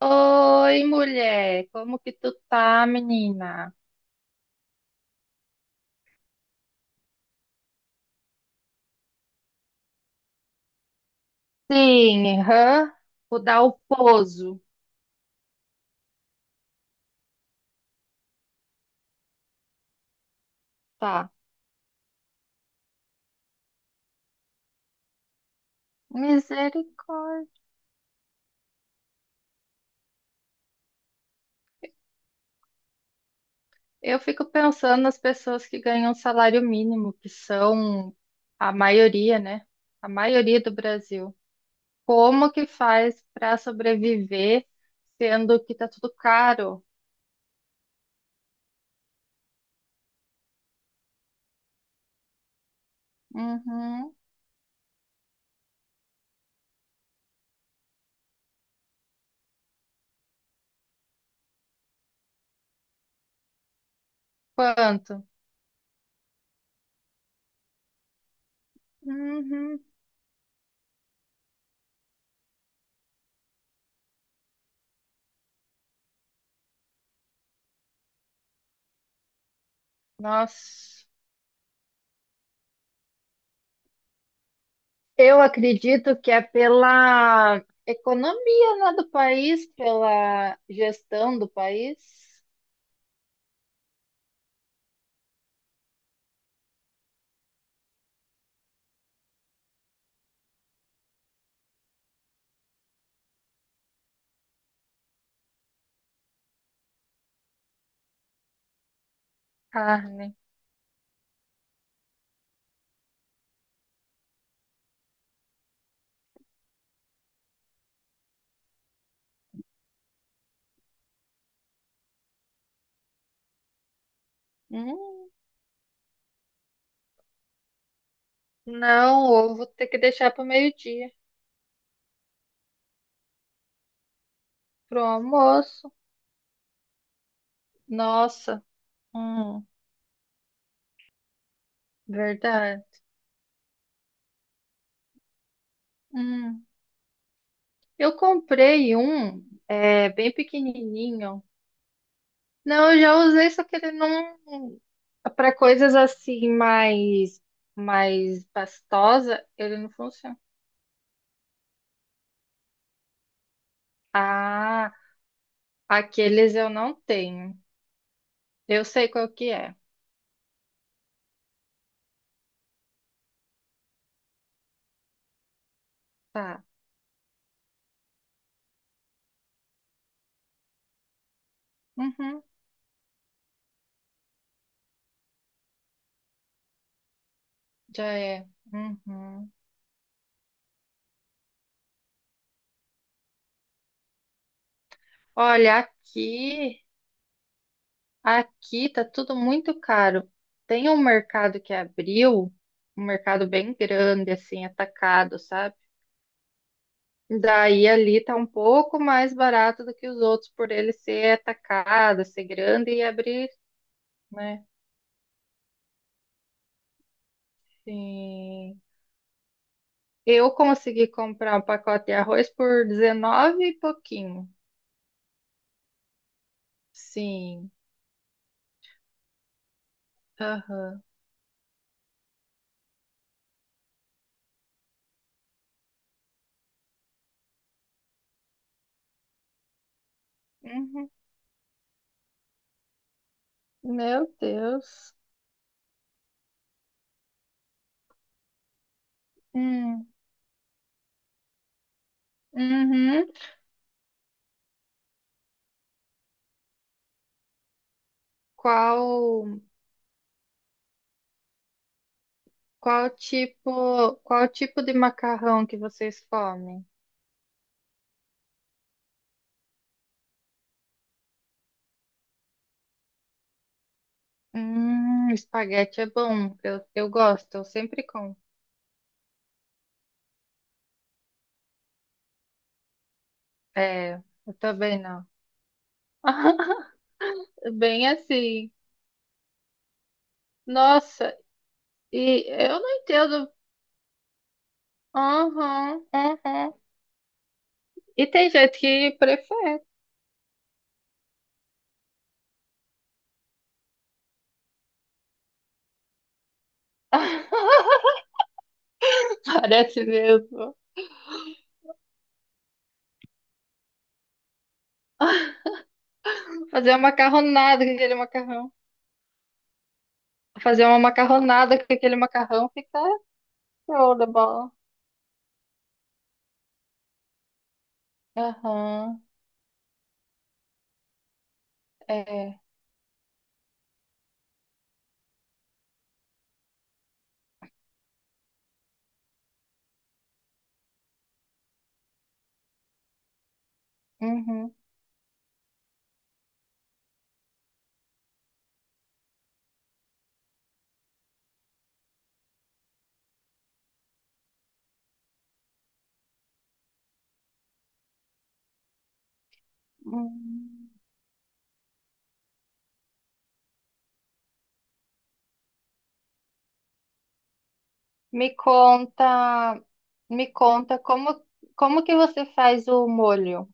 Oi, mulher, como que tu tá, menina? Sim, hã? Vou dar o pouso, tá? Misericórdia. Eu fico pensando nas pessoas que ganham salário mínimo, que são a maioria, né? A maioria do Brasil. Como que faz para sobreviver, sendo que tá tudo caro? Uhum. Quanto? Uhum. Nossa. Eu acredito que é pela economia, né, do país, pela gestão do país. Carne. Hum, não, ovo vou ter que deixar para o meio-dia, pro almoço. Nossa, hum, verdade. Hum, eu comprei um, bem pequenininho. Não, eu já usei, só que ele não. Para coisas assim mais, mais pastosa, ele não funciona. Ah, aqueles eu não tenho. Eu sei qual que é. Tá. Uhum, já é. Uhum. Olha, aqui, aqui tá tudo muito caro. Tem um mercado que abriu, um mercado bem grande, assim, atacado, sabe? Daí ali tá um pouco mais barato do que os outros, por ele ser atacado, ser grande e abrir, né? Sim. Eu consegui comprar um pacote de arroz por 19 e pouquinho. Sim. Aham. Uhum. Meu Deus. Hum, uhum. Qual, qual tipo de macarrão que vocês comem? Espaguete é bom, eu gosto, eu sempre como. É, eu também não. Bem assim. Nossa, e eu não entendo. Uhum, uhum. E tem gente que prefere parece mesmo fazer uma macarronada com aquele macarrão. Fazer uma macarronada com aquele macarrão fica Rollerball. Aham, é. Uhum. Hum. Me conta, me conta como, como que você faz o molho?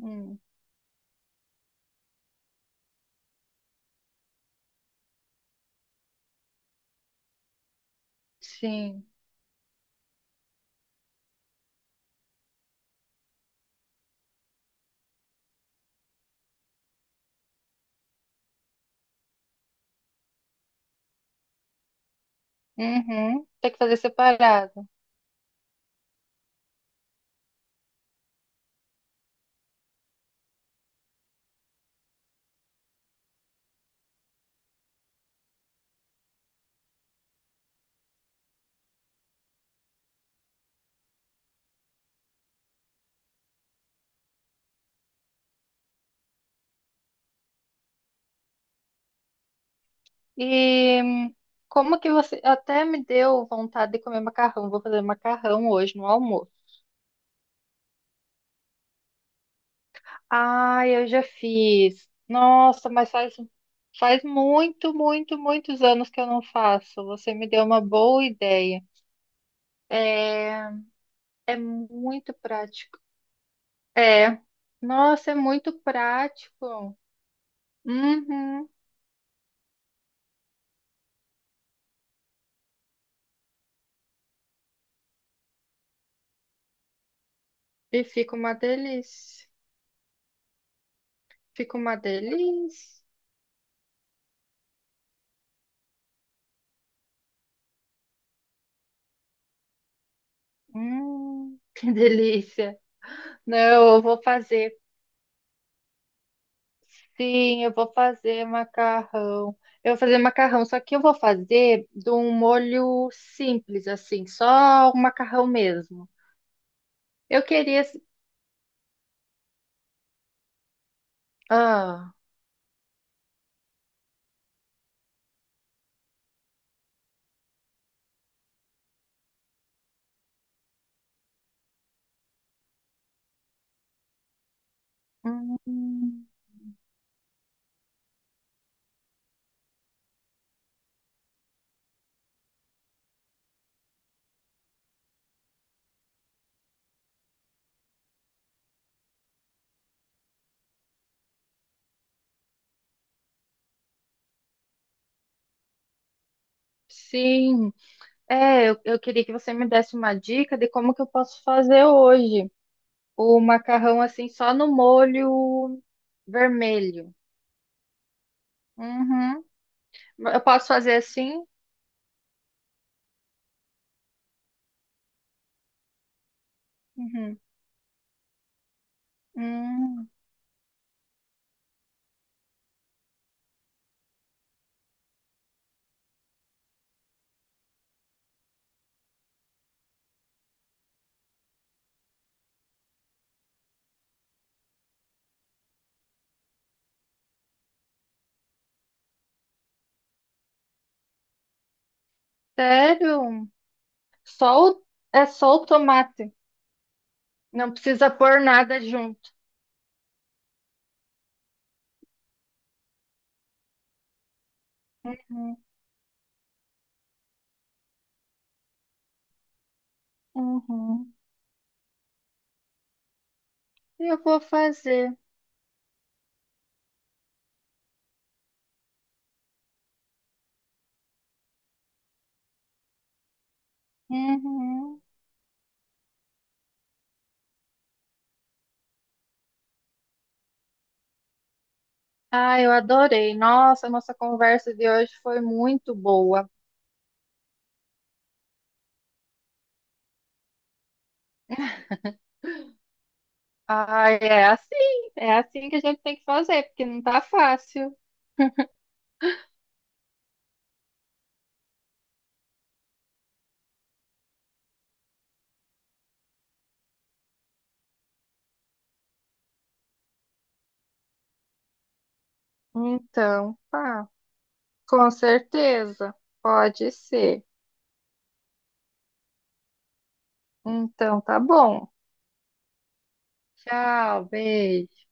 Hum, sim. Uhum. Tem que fazer separado. E hum, como que você até me deu vontade de comer macarrão. Vou fazer macarrão hoje no almoço. Ah, eu já fiz. Nossa, mas faz muito, muito, muitos anos que eu não faço. Você me deu uma boa ideia. É, é muito prático. É. Nossa, é muito prático. Uhum. E fica uma delícia. Fica uma delícia. Que delícia. Não, eu vou fazer. Sim, eu vou fazer macarrão. Eu vou fazer macarrão, só que eu vou fazer de um molho simples, assim, só o macarrão mesmo. Eu queria. Ah, hum, sim. É, eu queria que você me desse uma dica de como que eu posso fazer hoje o macarrão assim só no molho vermelho. Uhum. Eu posso fazer assim? Uhum. Hum, sério? Só o, é só o tomate. Não precisa pôr nada junto. Uhum. Uhum. Eu vou fazer. Uhum. Ah, eu adorei. Nossa, nossa conversa de hoje foi muito boa. Ah, é assim que a gente tem que fazer, porque não tá fácil. Então, tá, com certeza, pode ser. Então, tá bom. Tchau, beijo.